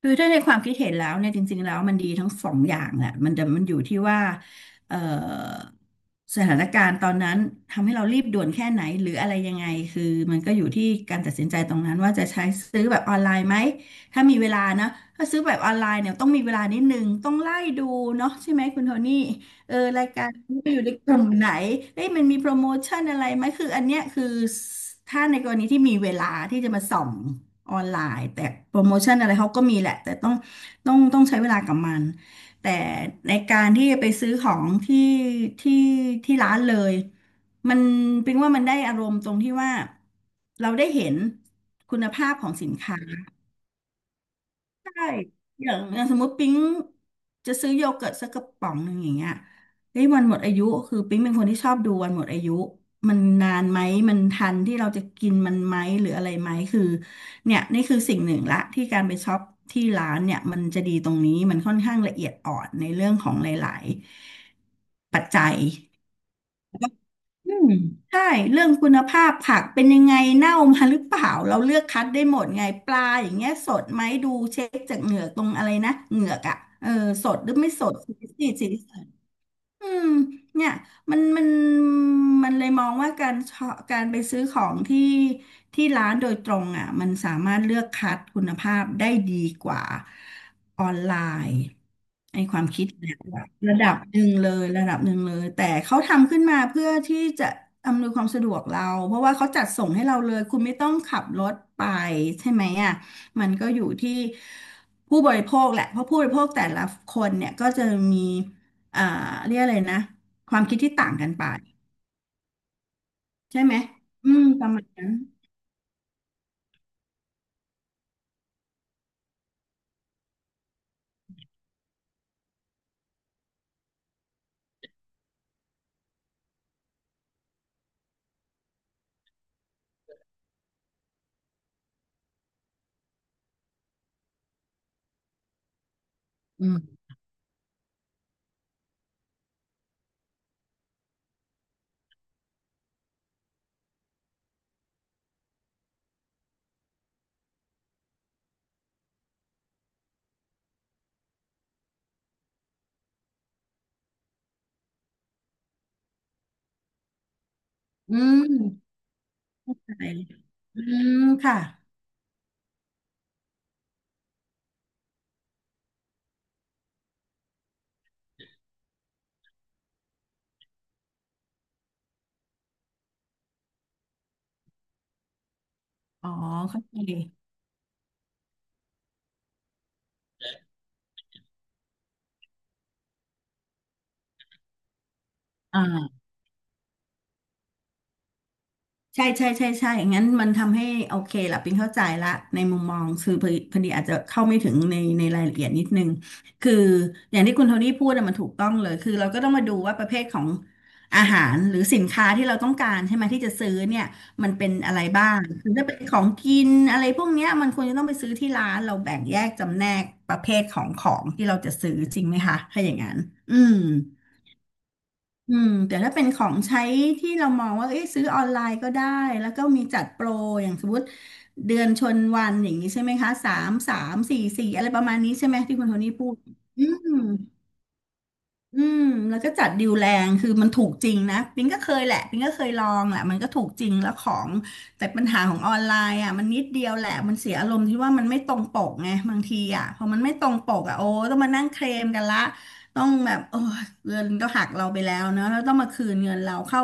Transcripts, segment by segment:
คือถ้าในความคิดเห็นแล้วเนี่ยจริงๆแล้วมันดีทั้งสองอย่างแหละมันแต่มันอยู่ที่ว่าเอ่อสถานการณ์ตอนนั้นทำให้เรารีบด่วนแค่ไหนหรืออะไรยังไงคือมันก็อยู่ที่การตัดสินใจตรงนั้นว่าจะใช้ซื้อแบบออนไลน์ไหมถ้ามีเวลานะถ้าซื้อแบบออนไลน์เนี่ยต้องมีเวลานิดนึงต้องไล่ดูเนาะใช่ไหมคุณโทนี่เออรายการนี้อยู่ในกลุ่มไหนเอ้ยมันมีโปรโมชั่นอะไรไหมคืออันเนี้ยคือถ้าในกรณีที่มีเวลาที่จะมาส่อง ออนไลน์แต่โปรโมชั่นอะไรเขาก็มีแหละแต่ต้องต้องใช้เวลากับมันแต่ในการที่ไปซื้อของที่ที่ที่ร้านเลยมันเป็นว่ามันได้อารมณ์ตรงที่ว่าเราได้เห็นคุณภาพของสินค้า ใช่อย่างอย่างสมมติปิ๊งจะซื้อโยเกิร์ตสักกระป๋องหนึ่งอย่างเงี้ยเฮ้ยวันหมดอายุ คือปิ๊งเป็นคนที่ชอบดูวันหมดอายุ มันนานไหมมันทันที่เราจะกินมันไหมหรืออะไรไหมคือเนี่ยนี่คือสิ่งหนึ่งละที่การไปช็อปที่ร้านเนี่ยมันจะดีตรงนี้มันค่อนข้างละเอียดอ่อนในเรื่องของหลายๆปัจจัย อืมใช่เรื่องคุณภาพผักเป็นยังไงเน่ามาหรือเปล่าเราเลือกคัดได้หมดไงปลาอย่างเงี้ยสดไหมดูเช็คจากเหงือกตรงอะไรนะเหงือกอ่ะเออสดหรือไม่สดสี อืมเนี่ยมันมันมันเลยมองว่าการชอการไปซื้อของที่ที่ร้านโดยตรงอ่ะมันสามารถเลือกคัดคุณภาพได้ดีกว่าออนไลน์ไอความคิดเนี่ยระดับหนึ่งเลยระดับหนึ่งเลยแต่เขาทำขึ้นมาเพื่อที่จะอำนวยความสะดวกเราเพราะว่าเขาจัดส่งให้เราเลยคุณไม่ต้องขับรถไปใช่ไหมอ่ะมันก็อยู่ที่ผู้บริโภคแหละเพราะผู้บริโภคแต่ละคนเนี่ยก็จะมี อ่าเรียกอะไรนะความคิดที่ต่างกันไปใช่ไหมอืมประมาณนั้นอืมอืมใช่อืมค่ะอ๋อเข้าใจอ่า ใช่ใช่ใช่ใช่งั้นมันทำให้โอเคละปิงเข้าใจละในมุมมอง คือพอดีพอดีอาจจะเข้าไม่ถึงในรายละเอียดนิดนึงคืออย่างที่คุณโทนี่พูดอะมันถูกต้องเลย คือเราก็ต้องมาดูว่าประเภทของอาหารหรือสินค้าที่เราต้องการใช่ไหมที่จะซื้อเนี่ยมันเป็นอะไรบ้างคือถ้าเป็นของกินอะไรพวกเนี้ยมันควรจะต้องไปซื้อที่ร้านเราแบ่งแยกจำแนกประเภทของของที่เราจะซื้อจริงไหมคะถ้าอย่างนั้นอืม อืมแต่ถ้าเป็นของใช้ที่เรามองว่าเอ้ยซื้อออนไลน์ก็ได้แล้วก็มีจัดโปรอย่างสมมติเดือนชนวันอย่างนี้ใช่ไหมคะสามสามสี่สี่อะไรประมาณนี้ใช่ไหมที่คุณโทนี่พูดอืม อืมแล้วก็จัดดิวแรงคือมันถูกจริงนะปิงก็เคยแหละปิงก็เคยลองแหละมันก็ถูกจริงแล้วของแต่ปัญหาของออนไลน์อ่ะมันนิดเดียวแหละมันเสียอารมณ์ที่ว่ามันไม่ตรงปกไงบางทีอ่ะพอมันไม่ตรงปกอ่ะโอ้ต้องมานั่งเคลมกันละต้องแบบโอ้ยเงินก็หักเราไปแล้วเนอะแล้วต้องมาคืนเงินเราเข้า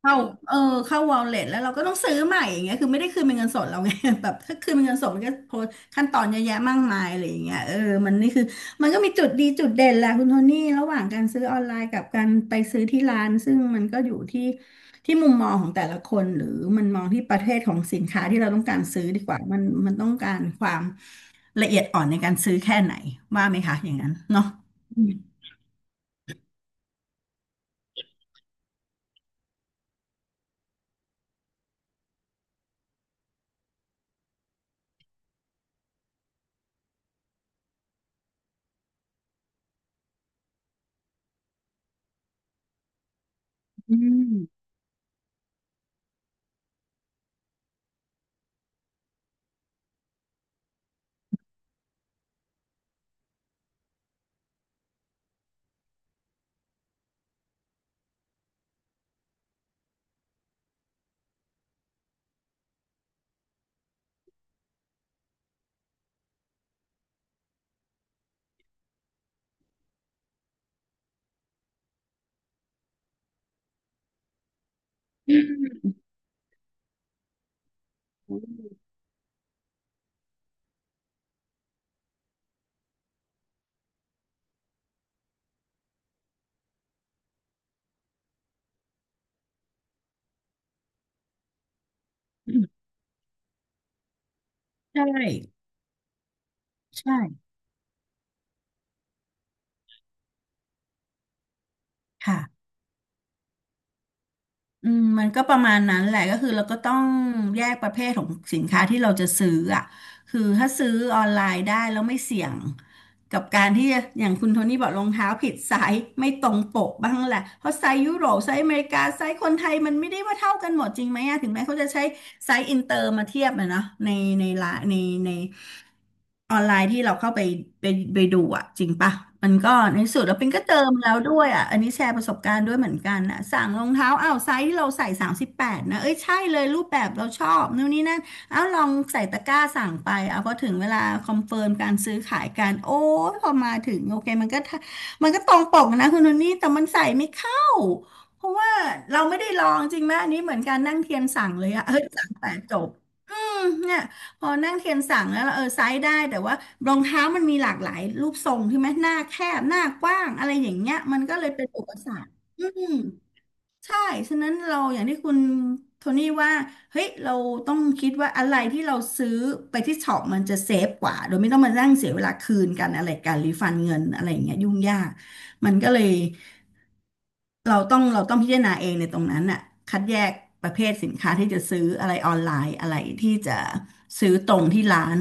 เข้าเออเข้าวอลเล็ตแล้วเราก็ต้องซื้อใหม่อย่างเงี้ยคือไม่ได้คืนเป็นเงินสดเราไง แบบถ้าคืนเป็นเงินสดมันก็โพสต์ขั้นตอนเยอะแยะมากมายอะไรอย่างเงี้ยเออมันนี่คือ มันก็มีจุดดีจุดเด่นแหละคุณโทนี่ระหว่างการซื้อออนไลน์กับการไปซื้อที่ร้านซึ่งมันก็อยู่ที่มุมมองของแต่ละคนหรือมันมองที่ประเภทของสินค้าที่เราต้องการซื้อดีกว่ามันต้องการความละเอียดอ่อนในการซื้อแค่ไหนว่าไหมคะอย่างนั้นเนาะอืมใช่ใช่ค่ะ อืมมันก็ประมาณนั้นแหละก็คือเราก็ต้องแยกประเภทของสินค้าที่เราจะซื้ออ่ะคือถ้าซื้อออนไลน์ได้แล้วไม่เสี่ยงกับการที่จะอย่างคุณโทนี่บอกรองเท้าผิดไซส์ไม่ตรงปกบ้างแหละเพราะไซส์ยุโรปไซส์อเมริกาไซส์คนไทยมันไม่ได้ว่าเท่ากันหมดจริงไหมอะถึงแม้เขาจะใช้ไซส์อินเตอร์มาเทียบนะเนาะในละใน ออนไลน์ที่เราเข้าไปไปไปดูอ่ะจริงปะมันก็ในสุดแล้วเป็นก็เติมแล้วด้วยอ่ะอันนี้แชร์ประสบการณ์ด้วยเหมือนกันนะสั่งรองเท้าอ้าวไซส์ที่เราใส่38นะเอ้ยใช่เลยรูปแบบเราชอบนู่นนี่นั่นอ้าวลองใส่ตะกร้าสั่งไปเอาพอถึงเวลาคอนเฟิร์มการซื้อขายกันโอ้ยพอมาถึงโอเคมันก็ตรงปกนะคุณโทนี่แต่มันใส่ไม่เข้าเพราะว่าเราไม่ได้ลองจริงไหมอันนี้เหมือนการนั่งเทียนสั่งเลยอะเอ้ยสั่งแต่จบ เนี่ยพอนั่งเทียนสั่งแล้วเราเออไซส์ได้แต่ว่ารองเท้ามันมีหลากหลายรูปทรงใช่ไหมหน้าแคบหน้ากว้างอะไรอย่างเงี้ยมันก็เลยเป็นอุปสรรคอืมใช่ฉะนั้นเราอย่างที่คุณโทนี่ว่าเฮ้ยเราต้องคิดว่าอะไรที่เราซื้อไปที่ช็อปมันจะเซฟกว่าโดยไม่ต้องมานั่งเสียเวลาคืนกันอะไรการรีฟันเงินอะไรอย่างเงี้ยยุ่งยากมันก็เลย เราต้องพิจารณาเองในตรงนั้นน่ะคัดแยกประเภทสินค้าที่จะซื้ออะไรออนไลน์อะไรที่จะซื้อตรงที่ร้าน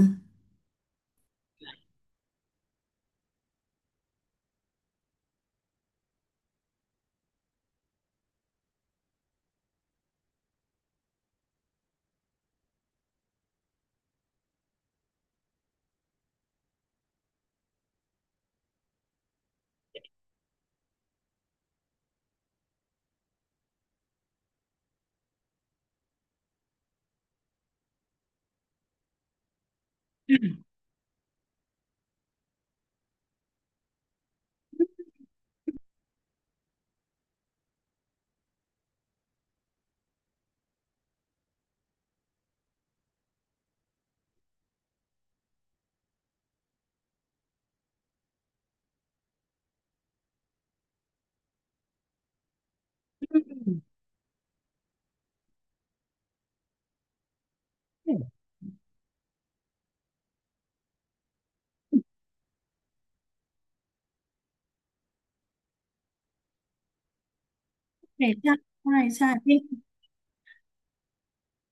ใช่ใช่ใช่ใช่ใช่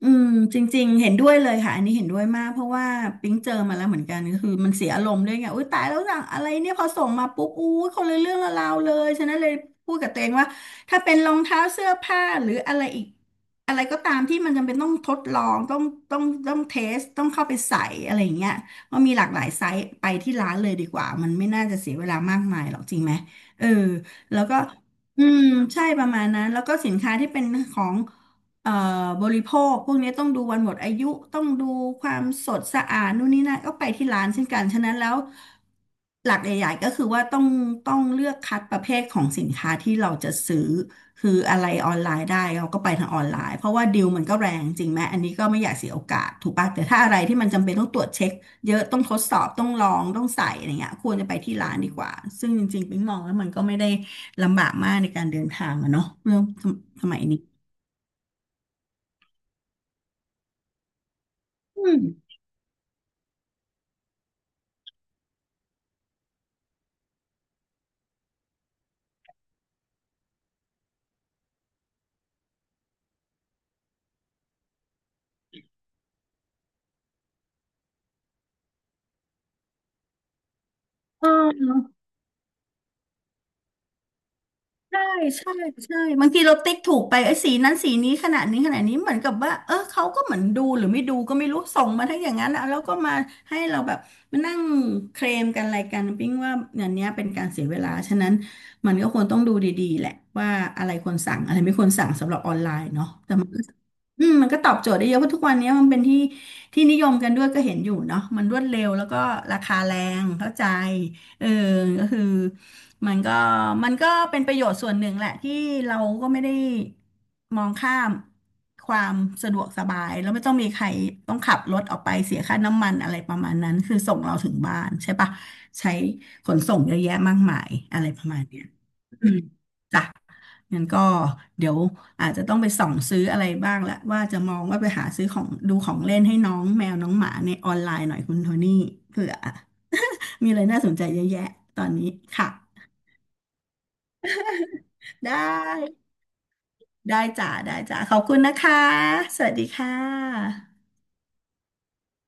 อืมจริงๆเห็นด้วยเลยค่ะอันนี้เห็นด้วยมากเพราะว่าปิ๊งเจอมาแล้วเหมือนกันก็คือมันเสียอารมณ์ด้วยไงอุ้ยตายแล้วสั่งอะไรเนี่ยพอส่งมาปุ๊บอุ้ยคนละเรื่องละราวเลยฉะนั้นเลยพูดกับตัวเองว่าถ้าเป็นรองเท้าเสื้อผ้าหรืออะไรอีกอะไรก็ตามที่มันจำเป็นต้องทดลองต้องเทสต้องเข้าไปใส่อะไรอย่างเงี้ยเพรมีหลากหลายไซส์ไปที่ร้านเลยดีกว่ามันไม่น่าจะเสียเวลามากมายหรอกจริงไหมเออแล้วก็อืมใช่ประมาณนั้นแล้วก็สินค้าที่เป็นของ เอ่อบริโภคพวกนี้ต้องดูวันหมดอายุต้องดูความสดสะอาดนู่นนี่นั่นก็ไปที่ร้านเช่นกันฉะนั้นแล้วหลักใหญ่ๆก็คือว่าต้องเลือกคัดประเภทของสินค้าที่เราจะซื้อคืออะไรออนไลน์ได้เราก็ไปทางออนไลน์เพราะว่าดีลมันก็แรงจริงไหมอันนี้ก็ไม่อยากเสียโอกาสถูกป่ะแต่ถ้าอะไรที่มันจำเป็นต้องตรวจเช็คเยอะต้องทดสอบต้องลองต้องใส่อะไรเงี้ยควรจะไปที่ร้านดีกว่าซึ่งจริงๆปิ๊งมองแล้วมันก็ไม่ได้ลำบากมากในการเดินทางอะเนาะเรื่องสมัยนี้อืม ใช่ใช่ใช่บางทีเราติ๊กถูกไปไอ้ยสีนั้นสีนี้ขนาดนี้ขนาดนี้เหมือนกับว่าเออเขาก็เหมือนดูหรือไม่ดูก็ไม่รู้ส่งมาทั้งอย่างนั้นอะแล้วก็มาให้เราแบบมานั่งเคลมกันอะไรกันปิ๊งว่าอย่างเนี้ยเป็นการเสียเวลาฉะนั้นมันก็ควรต้องดูดีๆแหละว่าอะไรควรสั่งอะไรไม่ควรสั่งสำหรับออนไลน์เนาะแต่ อืมมันก็ตอบโจทย์ได้เยอะเพราะทุกวันนี้มันเป็นที่ที่นิยมกันด้วยก็เห็นอยู่เนาะมันรวดเร็วแล้วก็ราคาแรงเข้าใจเออก็คือมันก็มันก็เป็นประโยชน์ส่วนหนึ่งแหละที่เราก็ไม่ได้มองข้ามความสะดวกสบายแล้วไม่ต้องมีใครต้องขับรถออกไปเสียค่าน้ำมันอะไรประมาณนั้นคือส่งเราถึงบ้านใช่ปะใช้ขนส่งเยอะแยะมากมายอะไรประมาณเนี้ย อืมจ้ะงั้นก็เดี๋ยวอาจจะต้องไปส่องซื้ออะไรบ้างละว่าจะมองว่าไปหาซื้อของดูของเล่นให้น้องแมวน้องหมาในออนไลน์หน่อยคุณโทนี่เผื่อมีอะไรน่าสนใจเยอะแยะตอนนี้ค่ะได้ได้จ้ะได้จ้ะขอบคุณนะคะสวัสดีค่ะ